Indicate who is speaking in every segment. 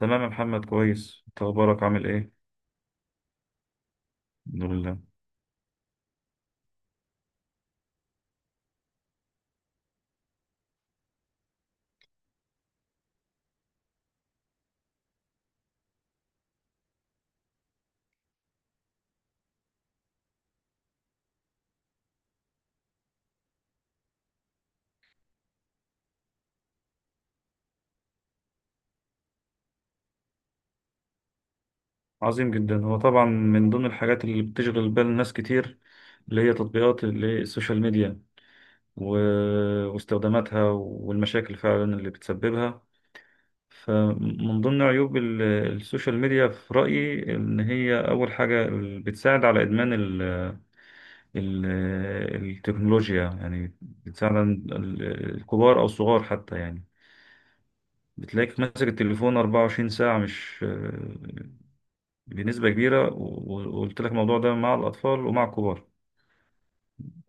Speaker 1: تمام يا محمد، كويس. انت اخبارك، عامل ايه؟ الحمد لله. عظيم جدا. هو طبعا من ضمن الحاجات اللي بتشغل بال ناس كتير اللي هي تطبيقات اللي هي السوشيال ميديا، و... واستخداماتها والمشاكل فعلا اللي بتسببها. فمن ضمن عيوب السوشيال ميديا في رأيي ان هي اول حاجة بتساعد على ادمان ال... التكنولوجيا، يعني بتساعد عن الكبار او الصغار حتى، يعني. بتلاقيك ماسك التليفون 24 ساعة، مش بنسبة كبيرة، و- و- وقلت لك الموضوع ده مع الأطفال ومع الكبار.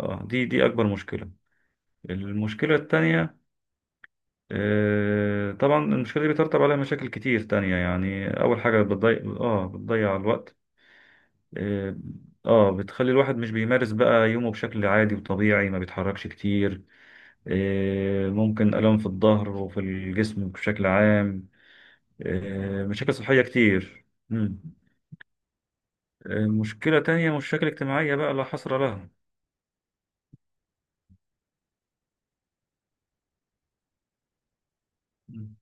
Speaker 1: اه، دي أكبر مشكلة. المشكلة التانية، آه طبعا المشكلة دي بيترتب عليها مشاكل كتير تانية. يعني أول حاجة بتضيع، بتضيع الوقت. اه بتخلي الواحد مش بيمارس بقى يومه بشكل عادي وطبيعي، ما بيتحركش كتير. آه، ممكن آلام في الظهر وفي الجسم بشكل عام، آه مشاكل صحية كتير. مم. آه مشكلة تانية، مشاكل اجتماعية بقى لا حصر لها. مم.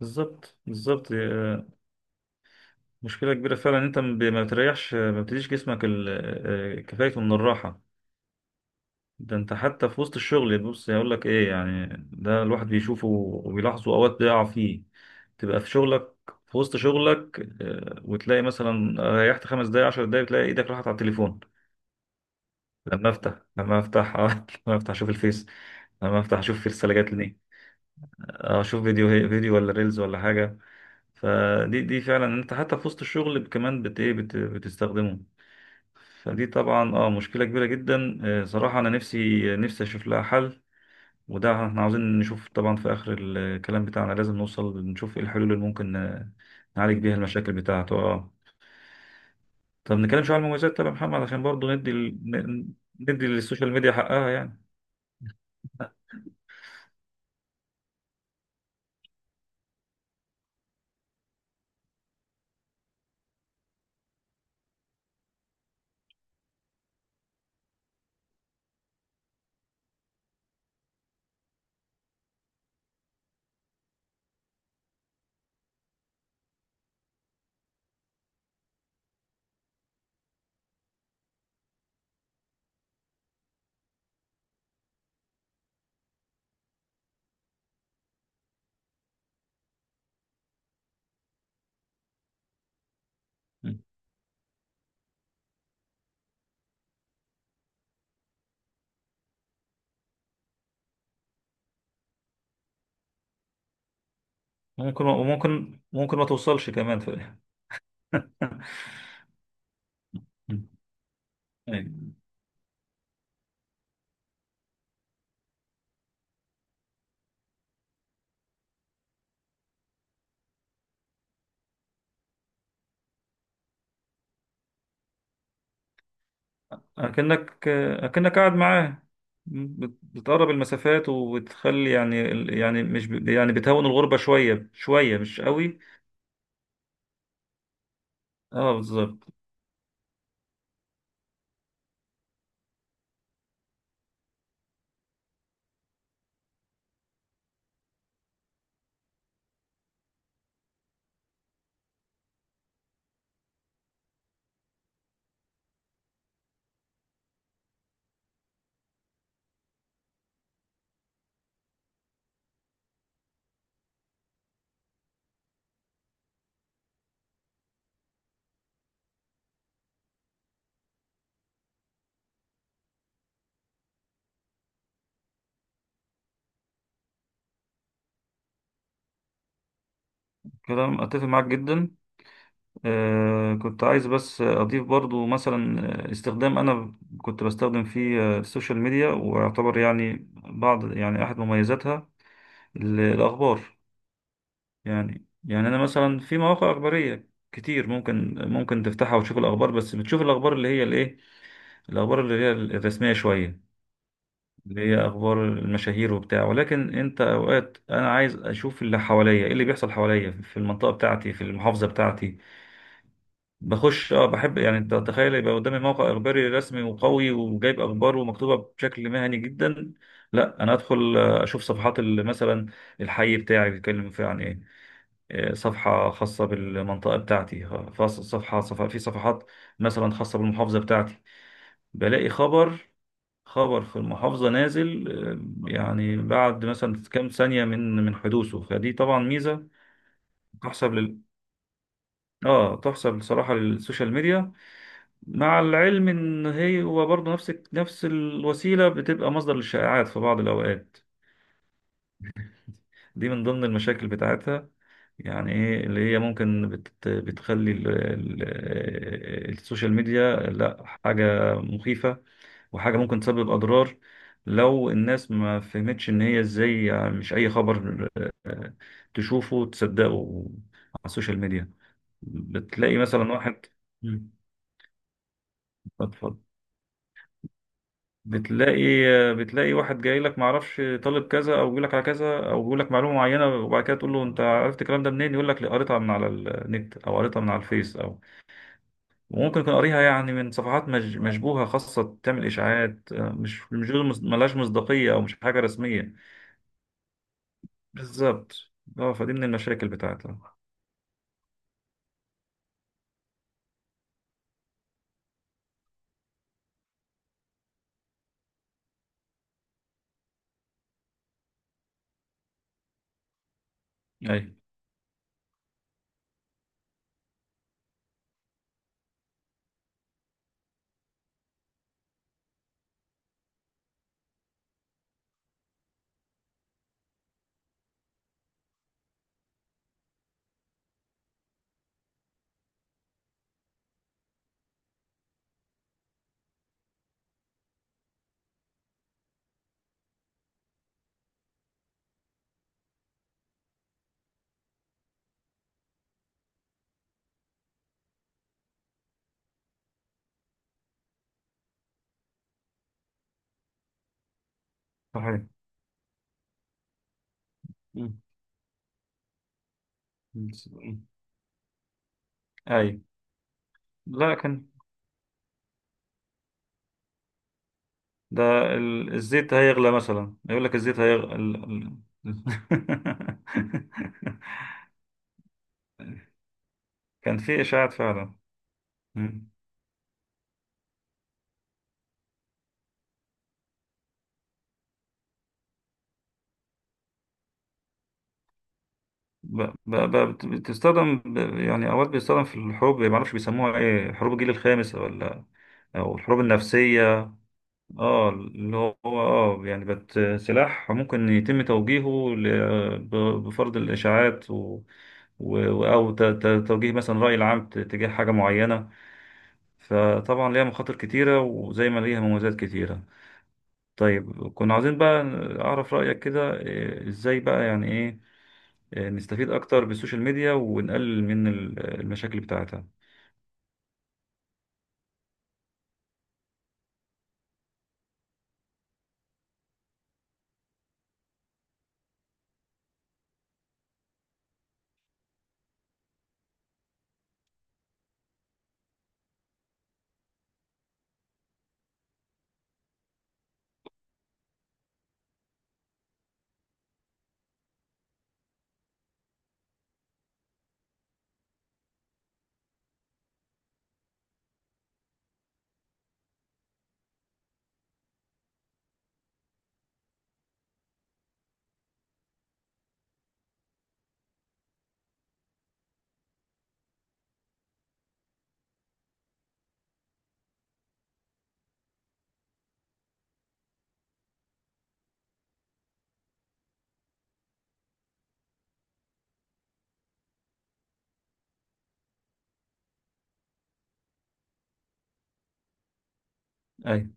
Speaker 1: بالظبط، بالظبط. مشكلة كبيرة فعلا إن انت ما بتريحش، ما بتديش جسمك كفايته من الراحة. ده انت حتى في وسط الشغل، بص يقول لك ايه يعني، ده الواحد بيشوفه وبيلاحظه، اوقات بيقع فيه. تبقى في شغلك، في وسط شغلك، وتلاقي مثلا ريحت 5 دقايق، 10 دقايق، تلاقي ايدك راحت على التليفون. لما افتح لما افتح اشوف الفيس، لما افتح اشوف في رسالة جات لي، اشوف فيديو، ولا ريلز ولا حاجة. فدي فعلا، انت حتى في وسط الشغل كمان بت ايه بت بتستخدمه. فدي طبعا، مشكله كبيره جدا. صراحه انا نفسي، نفسي اشوف لها حل. وده احنا عاوزين نشوف طبعا في اخر الكلام بتاعنا، لازم نوصل نشوف ايه الحلول اللي ممكن نعالج بيها المشاكل بتاعته. اه، طب نتكلم شويه عن المميزات. طب يا محمد، عشان برضو ندي ندي للسوشيال ميديا حقها، يعني. مم. ممكن، وممكن ما توصلش كمان، في أيوة. أكنك قاعد معاه، بتقرب المسافات وبتخلي، يعني، يعني مش ب- يعني بتهون الغربة شوية شوية، مش قوي. اه، بالظبط. كلام أتفق معاك جدا. آه، كنت عايز بس أضيف برضو مثلا، آه، استخدام، أنا كنت بستخدم فيه آه، السوشيال ميديا، ويعتبر يعني بعض، يعني أحد مميزاتها الأخبار. يعني أنا مثلا في مواقع أخبارية كتير، ممكن تفتحها وتشوف الأخبار. بس بتشوف الأخبار اللي هي الإيه؟ الأخبار اللي هي الرسمية شوية، اللي هي أخبار المشاهير وبتاع. ولكن أنت أوقات، أنا عايز أشوف اللي حواليا، إيه اللي بيحصل حواليا في المنطقة بتاعتي، في المحافظة بتاعتي. بخش، بحب، يعني. أنت تخيل يبقى قدامي موقع إخباري رسمي وقوي وجايب أخبار ومكتوبة بشكل مهني جدا؟ لا، أنا أدخل آه، أشوف صفحات مثلا، الحي بتاعي بيتكلم فيه عن إيه. آه، صفحة خاصة بالمنطقة بتاعتي، في صفحات مثلا خاصة بالمحافظة بتاعتي. بلاقي خبر، خبر في المحافظة نازل آه، يعني بعد مثلا كام ثانية من حدوثه. فدي طبعا ميزة تحسب لل اه تحسب بصراحة للسوشيال ميديا. مع العلم ان هو برضه نفس الوسيلة بتبقى مصدر للشائعات في بعض الأوقات. دي من ضمن المشاكل بتاعتها، يعني ايه اللي هي ممكن بتخلي السوشيال ميديا لا حاجة مخيفة وحاجة ممكن تسبب أضرار، لو الناس ما فهمتش إن هي إزاي، يعني. مش أي خبر آه، تشوفه تصدقه على السوشيال ميديا. بتلاقي مثلا واحد، مم، بتلاقي بتلاقي واحد جاي لك، معرفش طالب كذا، او بيقول لك على كذا، او بيقول لك معلومه معينه، وبعد كده تقول له انت عرفت الكلام ده منين، يقول لك: "لا، قريتها من على النت، او قريتها من على الفيس، او وممكن يكون قاريها، يعني، من صفحات مشبوهه، خاصه تعمل اشاعات آه، مش دول، ملهاش مصداقيه، او مش حاجه رسميه". بالظبط. اه، فدي من المشاكل بتاعتها. اي صحيح. مم. مم. اي. لا، كان ده الزيت هيغلى مثلا، يقول لك الزيت هيغلى ال- كان في إشاعات فعلا. مم. يعني أوقات بيستخدم في الحروب، ما أعرفش بيسموها إيه، حروب الجيل الخامس، ولا أو الحروب النفسية. اه اللي هو، يعني سلاح ممكن يتم توجيهه بفرض الإشاعات، أو توجيه مثلا رأي العام تجاه حاجة معينة. فطبعا ليها مخاطر كتيرة، وزي ما ليها مميزات كتيرة. طيب، كنا عاوزين بقى أعرف رأيك كده. إيه، إزاي بقى، يعني إيه، إيه، نستفيد أكتر بالسوشيال ميديا ونقلل من المشاكل بتاعتها؟ أي،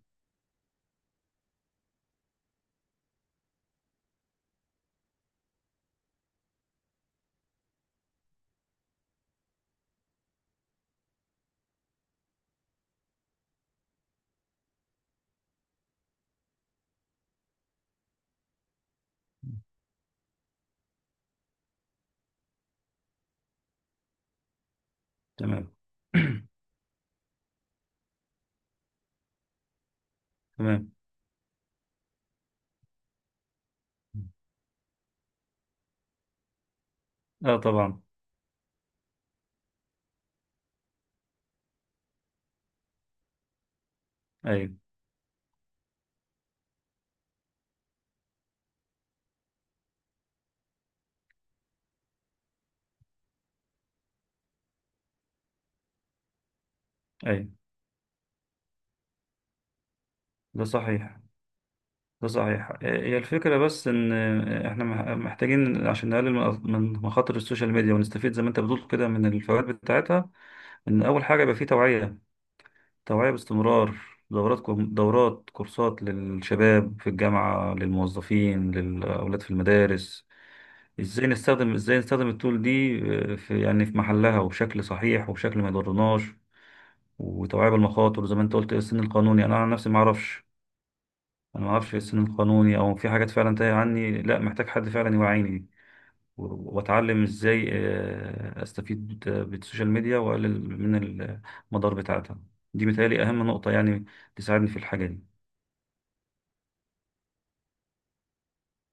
Speaker 1: تمام. تمام. اه، طبعا. ايوه، ايوه. ده صحيح. ده صحيح آه، هي الفكرة بس ان آه، احنا محتاجين عشان نقلل من مخاطر السوشيال ميديا، ونستفيد زي ما انت بتقول كده من الفوائد بتاعتها. ان اول حاجة يبقى فيه توعية، توعية باستمرار. دورات كورسات، للشباب في الجامعة، للموظفين، للأولاد في المدارس. ازاي نستخدم التول دي آه، في، يعني، في محلها وبشكل صحيح وبشكل ما يضرناش. وتوعية بالمخاطر. زي ما انت قلت، إيه السن القانوني؟ انا عن نفسي ما اعرفش، انا ما اعرفش إيه السن القانوني، او في حاجات فعلا تايه عني. لا، محتاج حد فعلا يوعيني، واتعلم ازاي آه، استفيد آه، بالسوشيال ميديا واقلل من المدار بتاعتها. دي متهيألي اهم نقطة يعني تساعدني في الحاجة دي.